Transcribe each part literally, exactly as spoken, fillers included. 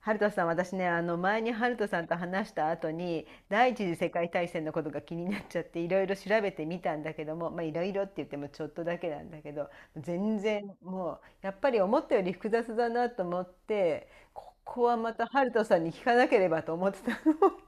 ハルトさん、私ね、あの前にハルトさんと話した後に、第一次世界大戦のことが気になっちゃって、いろいろ調べてみたんだけども、まあいろいろって言ってもちょっとだけなんだけど、全然もう、やっぱり思ったより複雑だなと思って、ここはまたハルトさんに聞かなければと思ってたの。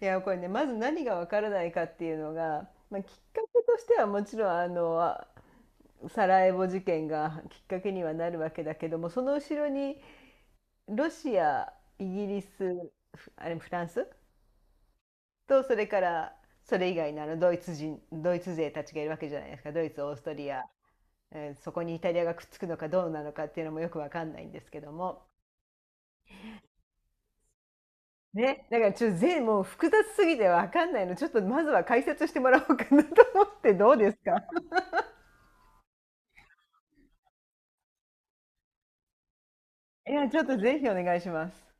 いや、これね、まず何がわからないかっていうのが、まあ、きっかけとしてはもちろん、あの、サラエボ事件がきっかけにはなるわけだけども、その後ろにロシア、イギリス、フあれフランスと、それからそれ以外のあのドイツ人、ドイツ勢たちがいるわけじゃないですか。ドイツ、オーストリア、えーそこにイタリアがくっつくのかどうなのかっていうのもよくわかんないんですけども。ね、だからちょっと全もう複雑すぎてわかんないの、ちょっとまずは解説してもらおうかなと思って、どうですか？ いや、ちょっとぜひお願いします。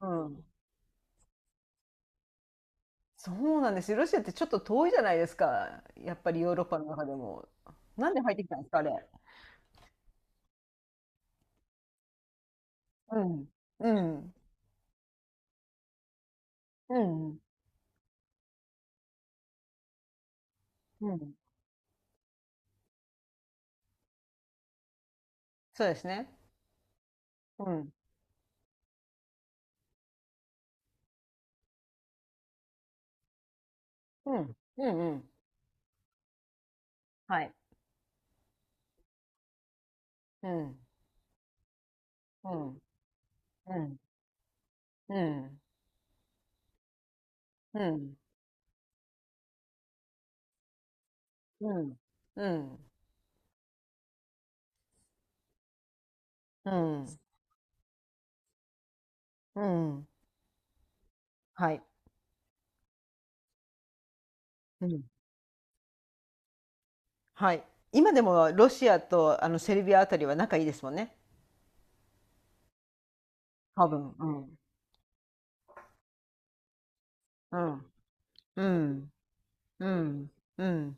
うん。そうなんですよ。ロシアってちょっと遠いじゃないですか。やっぱりヨーロッパの中でも。なんで入ってきたんですか、あれ。うん。うん。うん、うん。そうですね。うん、うん、うん、うん。はい。うん、うん、うん、うん、うん、うん、うん、うん、うん。はい。うん、はい。今でもロシアとあのセルビアあたりは仲いいですもんね。多分。うん。うん。うん。うん。うん。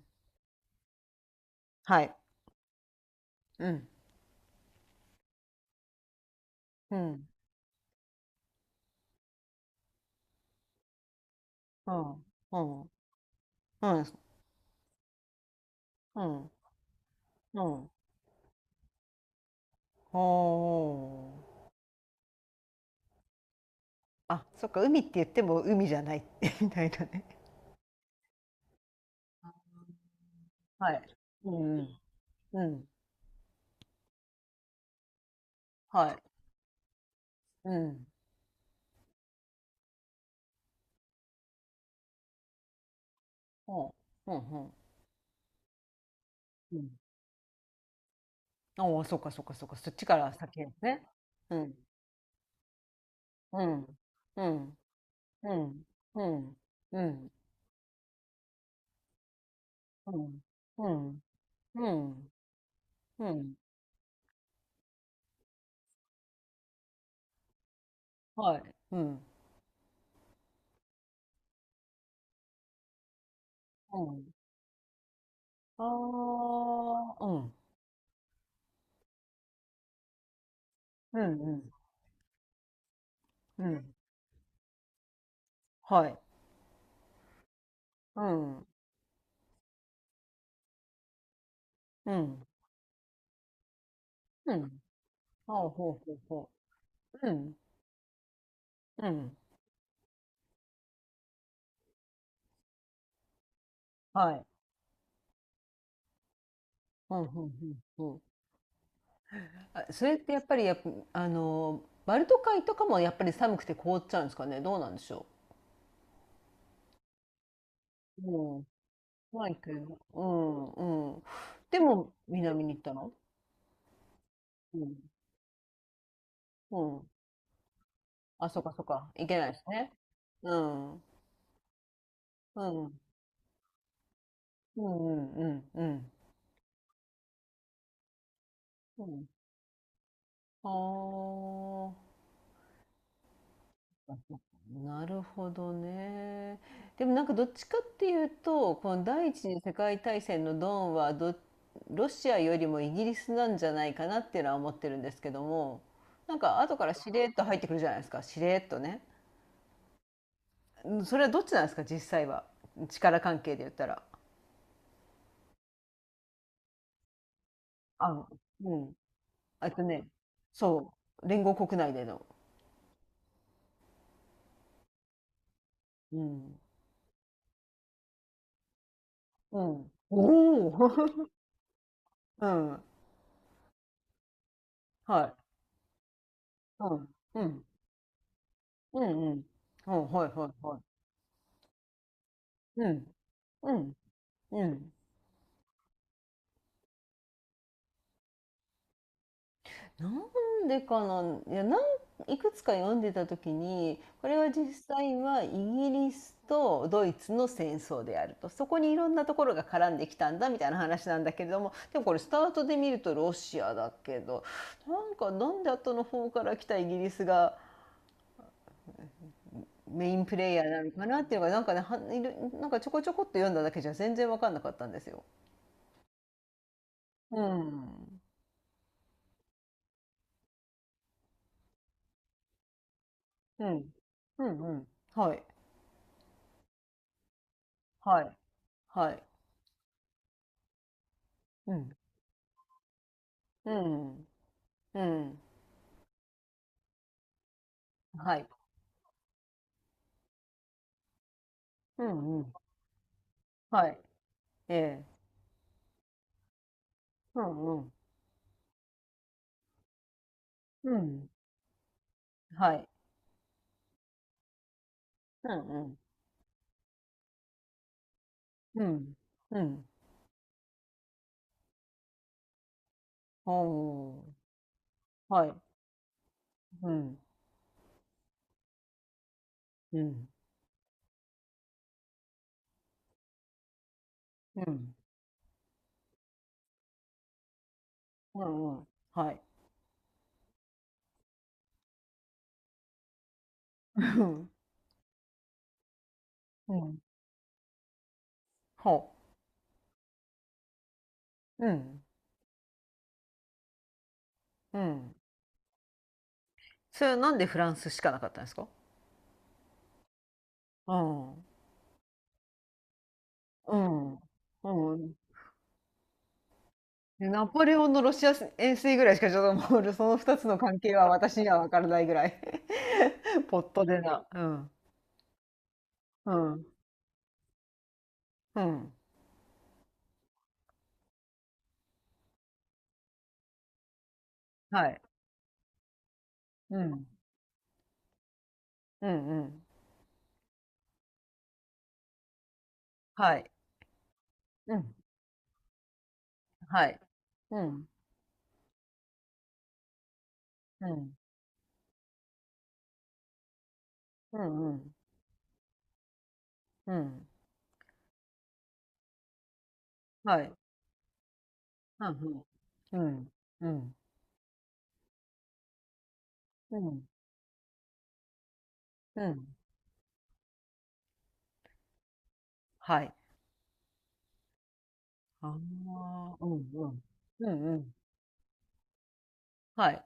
はい。うん。うん。うん。うん。うん。うん。うん。おー。あ、そっか、海って言っても海じゃない みたいなね。はい。うんうん。うん。はい。うん。ほう。うん、うん。うん。おお、そっかそっかそっか。そっちから先ですね。うん。うん。うん。うん。うん。うん。うん。うん。うん。うん。はい。うん。うん。ああ、うん。うん。うん。うん。はい。うん。うん。うん。ああ、ほうほうほう。うん。うん。はい。うん。うん。うん。あ、それってやっぱりやっぱ、あの、バルト海とかもやっぱり寒くて凍っちゃうんですかね。どうなんでしょう。うん。怖いけど。うん、うん。でも、南に行ったの、うん。うん。あ、そっかそっか。行けないですね。うん。うん。うんうんうんうん。うん。ああ。なるほどね。でもなんかどっちかっていうと、この第一次世界大戦のドンはど、ロシアよりもイギリスなんじゃないかなっていうのは思ってるんですけども、なんか後からしれっと入ってくるじゃないですか。しれっとね。うん、それはどっちなんですか、実際は。力関係で言ったら。あ、うん。あとね、そう。連合国内での。うん。うん。おお。うん。はい。うん。うん。うん。うん。うん。はいはいはい。うん。うん。うん。なんでかな、いや、なん、いくつか読んでた時に、これは実際はイギリスとドイツの戦争であると。そこにいろんなところが絡んできたんだみたいな話なんだけれども、でもこれスタートで見るとロシアだけど、なんかなんで後の方から来たイギリスがメインプレイヤーなのかなっていうのが、なんかね、はいる、なんかちょこちょこっと読んだだけじゃ全然わかんなかったんですよ。うん。うん。うんうん。はい。はい。はい。うん。うん。うん。はい。うんうん。はい。ええ。うんうん。うん。はい。うんうん。うん。うん。おー。はい。うん。うん。うん。うんうん。はい。うん。うん。ほう。うん。うん。それはなんでフランスしかなかったんですか？うん。うん。うん。でナポレオンのロシア遠征ぐらいしかちょっともう、そのふたつの関係は私には分からないぐらい。 ポットでな。うん。うん、うん、はい。うん。うん、うん。はい。うん、はい。うん、うん、うん、うん、うん。はい。うんうん、うん、うん、うん。はい。ああ、うんうん。うん、うん。はい。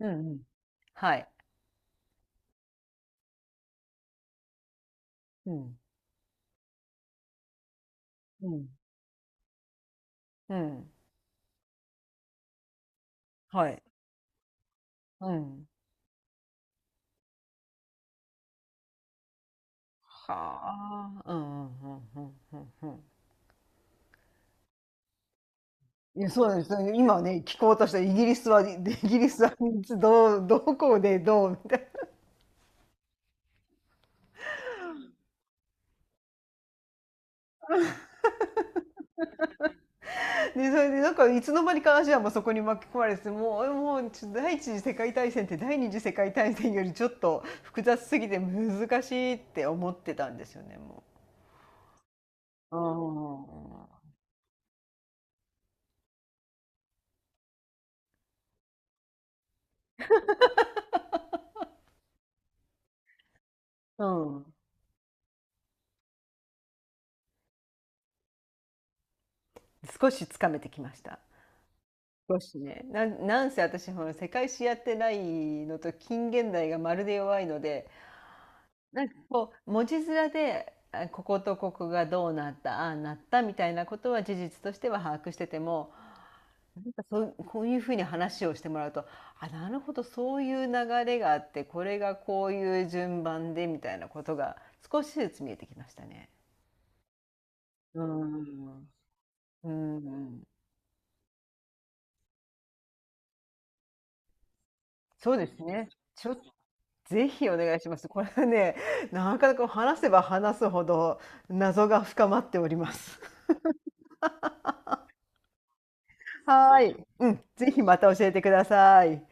うん、うん。はい。うん、うん、うん、はい。うん。はあ、うんうんうんうんうんうん。いや、そうですね。今ね、聞こうとしたイギリスは、で、イギリスはどう、どこでどうみ、でそれでなんかいつの間にかアジアもそこに巻き込まれて、もうもう第一次世界大戦って第二次世界大戦よりちょっと複雑すぎて難しいって思ってたんですよね、もう。うんうん、少しつかめてきました。少しね、なんなんせ私ほら世界史やってないのと近現代がまるで弱いので、なんかこう文字面で、あ、こことここがどうなったああなったみたいなことは事実としては把握してても、なんかそう、こういうふうに話をしてもらうと、あ、なるほど、そういう流れがあって、これがこういう順番でみたいなことが少しずつ見えてきましたね。うーん。うーん。そうですね。ちょぜひお願いします。これはね、なかなか話せば話すほど謎が深まっております。はーい。うん、ぜひまた教えてください。